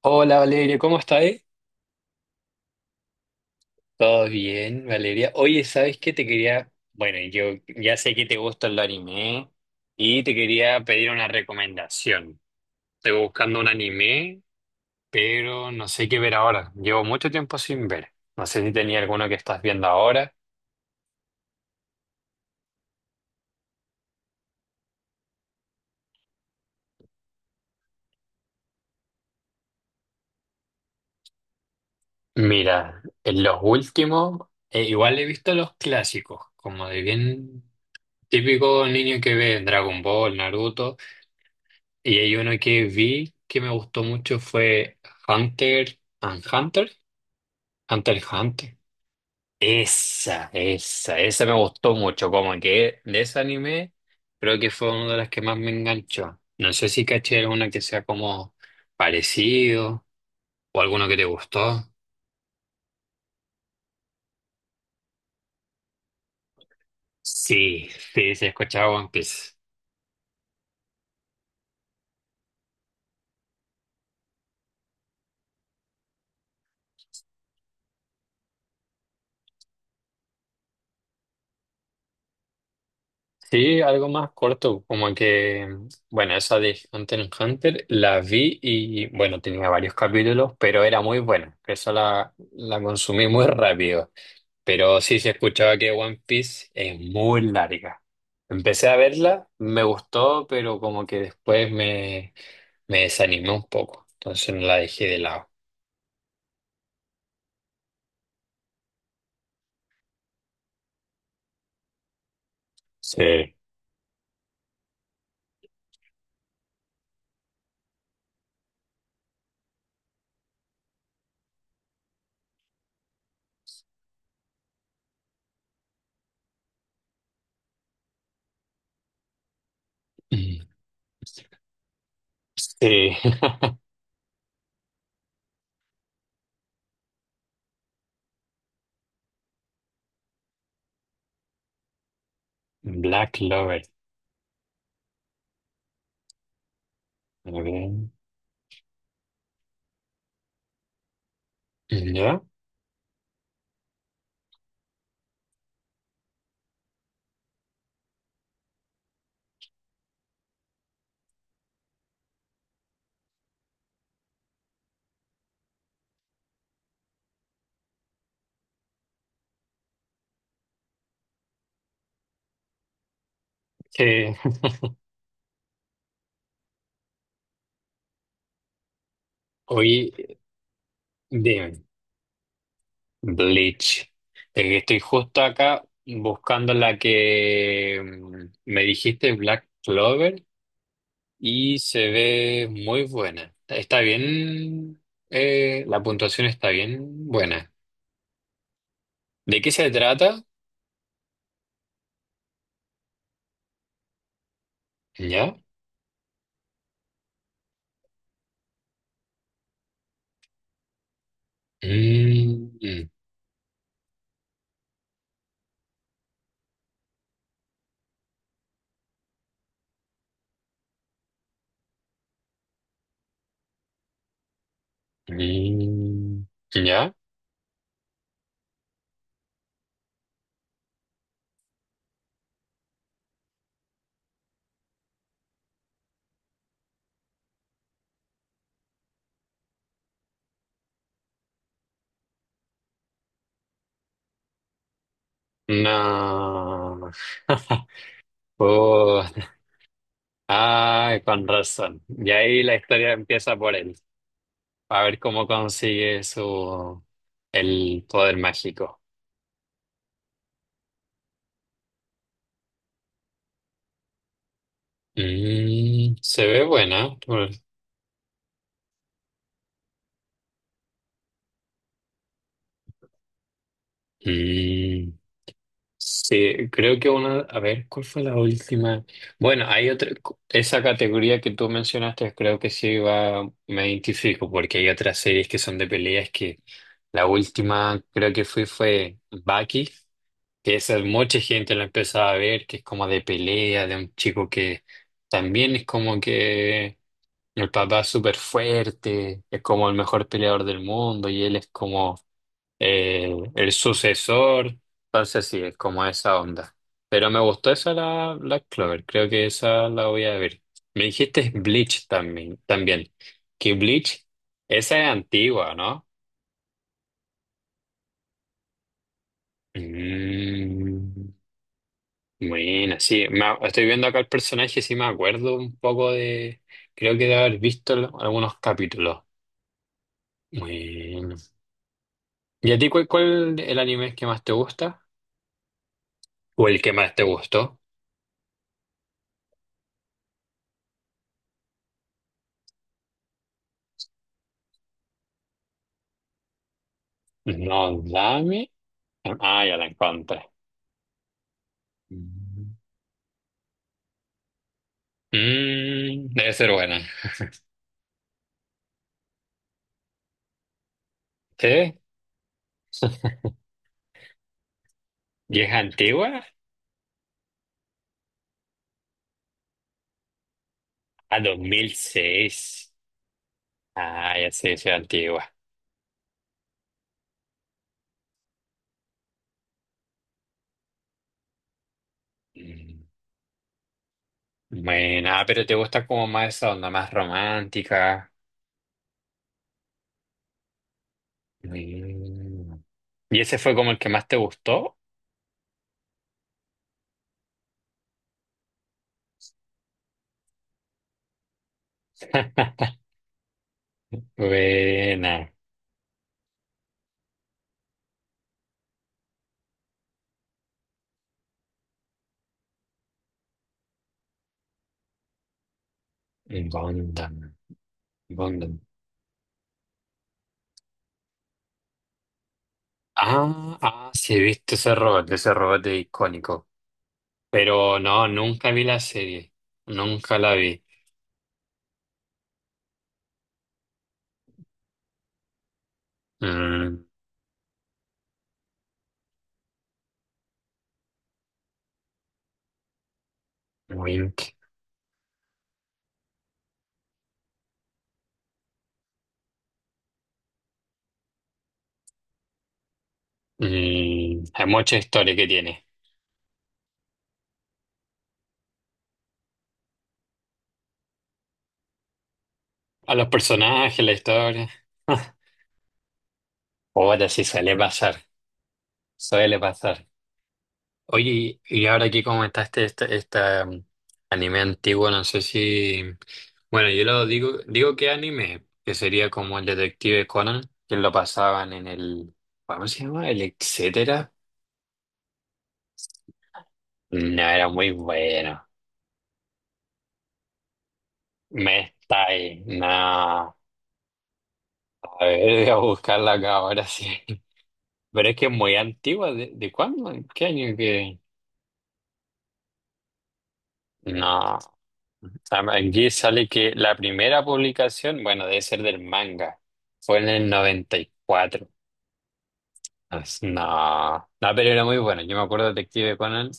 Hola, Valeria, ¿cómo estás? Todo bien, Valeria. Oye, ¿sabes qué te quería? Bueno, yo ya sé que te gusta el anime y te quería pedir una recomendación. Estoy buscando un anime, pero no sé qué ver ahora. Llevo mucho tiempo sin ver. No sé si tenía alguno que estás viendo ahora. Mira, en los últimos, igual he visto los clásicos, como de bien típico niño que ve Dragon Ball, Naruto. Y hay uno que vi que me gustó mucho fue Hunter and Hunter. Hunter x Hunter. Esa me gustó mucho. Como que de ese anime creo que fue una de las que más me enganchó. No sé si caché alguna que sea como parecido o alguno que te gustó. Sí, sí, sí, he escuchado One Piece. Sí, algo más corto, como que, bueno, esa de Hunter x Hunter la vi y, bueno, tenía varios capítulos, pero era muy buena, esa la consumí muy rápido, pero sí se escuchaba que One Piece es muy larga. Empecé a verla, me gustó, pero como que después me desanimé un poco, entonces no la dejé de lado. Sí. Mm. Sí. Black Lover. A ver, ¿ya? Sí. Oye, dime. Bleach. Estoy justo acá buscando la que me dijiste, Black Clover, y se ve muy buena. Está bien, la puntuación está bien buena. ¿De qué se trata? ¿Ya? Mm, mm, mm, ¿ya? No. Oh, ay, con razón. Y ahí la historia empieza por él. A ver cómo consigue su el poder mágico. Mm, se ve buena. Mm, sí, creo que una. A ver, ¿cuál fue la última? Bueno, hay otra. Esa categoría que tú mencionaste, creo que sí va, me identifico, porque hay otras series que son de peleas que la última creo que fui fue Baki, que esa mucha gente la empezaba a ver, que es como de pelea, de un chico que también es como que el papá es súper fuerte, es como el mejor peleador del mundo y él es como eh, el sucesor. Entonces sí, es como esa onda. Pero me gustó esa la Black Clover, creo que esa la voy a ver. Me dijiste Bleach también, también. Que Bleach, esa es antigua, ¿no? Mm, buena, sí. Estoy viendo acá el personaje, sí me acuerdo un poco de... Creo que de haber visto algunos capítulos. Bueno. ¿Y a ti cuál el anime que más te gusta? ¿O el que más te gustó? No, dame. Ah, ya la encontré. Mm. Mm, debe ser buena. ¿Sí? ¿Y es antigua? A 2006. Ah, ya sé, sí, es antigua. Mm. Bueno, ah, pero te gusta como más esa onda más romántica. Mm. ¿Y ese fue como el que más te gustó? Buena. Gundam. Gundam. Ah, ah, sí, he visto ese robot es icónico. Pero no, nunca vi la serie. Nunca la vi. Mm. Wink. Mm, hay mucha historia que tiene. A los personajes, la historia. Ahora sí suele pasar. Suele pasar. Oye, y ahora que comentaste este anime antiguo, no sé si... Bueno, yo lo digo, digo que anime, que sería como el Detective Conan, que lo pasaban en el... ¿Cómo se llama? El etcétera. No, era muy bueno. Me está ahí. No, a ver, voy a buscarla acá ahora, sí. Pero es que es muy antigua. ¿De cuándo? ¿En qué año que...? No. Aquí sale que la primera publicación, bueno, debe ser del manga, fue en el 94. No, no, pero era muy bueno. Yo me acuerdo de Detective Conan,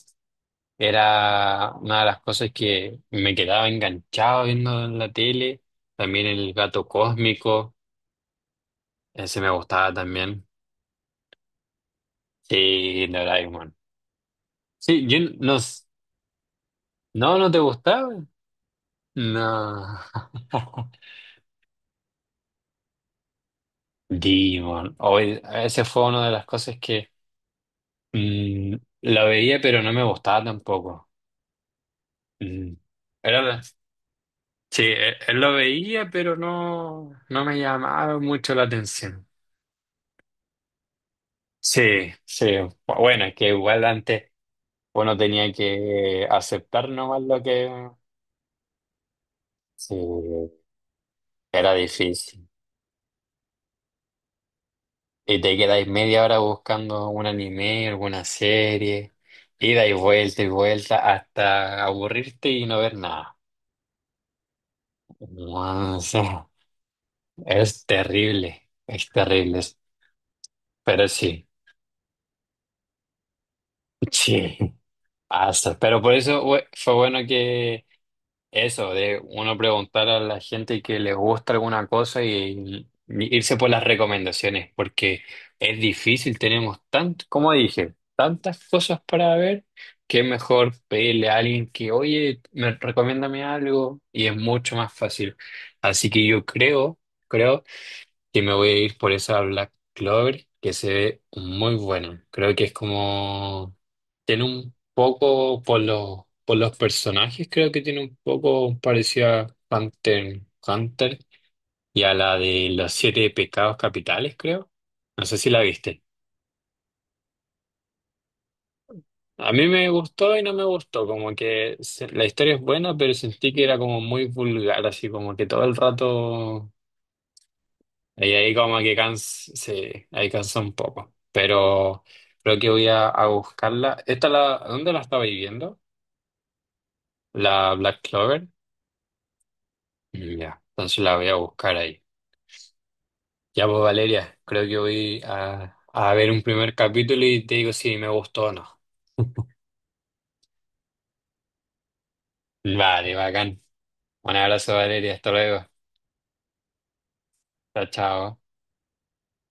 era una de las cosas que me quedaba enganchado viendo en la tele. También el gato cósmico, ese me gustaba también. Sí, Doraemon. Sí, yo no, no, no te gustaba. No. Demon. Hoy, ese fue una de las cosas que. Mm, la veía, pero no me gustaba tampoco. Mm. Era la- Sí, él lo veía, pero no, no me llamaba mucho la atención. Sí, sí. Bueno, es que igual antes uno tenía que aceptar nomás lo que... Sí, era difícil. Y te quedáis media hora buscando un anime, alguna serie, y dais vuelta y vuelta hasta aburrirte y no ver nada. No sé. Es terrible, pero sí, sí, pasa. Pero por eso fue bueno que eso, de uno preguntar a la gente que le gusta alguna cosa y irse por las recomendaciones, porque es difícil, tenemos como dije, tantas cosas para ver, que es mejor pedirle a alguien que, oye, me recomiéndame algo, y es mucho más fácil. Así que yo creo, creo, que me voy a ir por esa Black Clover, que se ve muy buena. Creo que es como, tiene un poco, por los personajes, creo que tiene un poco parecido a Hunter, Hunter y a la de los siete pecados capitales, creo. No sé si la viste. A mí me gustó y no me gustó, como que la historia es buena, pero sentí que era como muy vulgar, así como que todo el rato. Y ahí como que cansa, sí, ahí cansa un poco. Pero creo que voy a buscarla. ¿Esta la, dónde la estaba viviendo? ¿La Black Clover? Mm, ya, entonces la voy a buscar ahí. Ya pues Valeria, creo que voy a ver un primer capítulo y te digo si me gustó o no. Vale, bacán. Un abrazo Valeria, hasta luego. Chao, chao.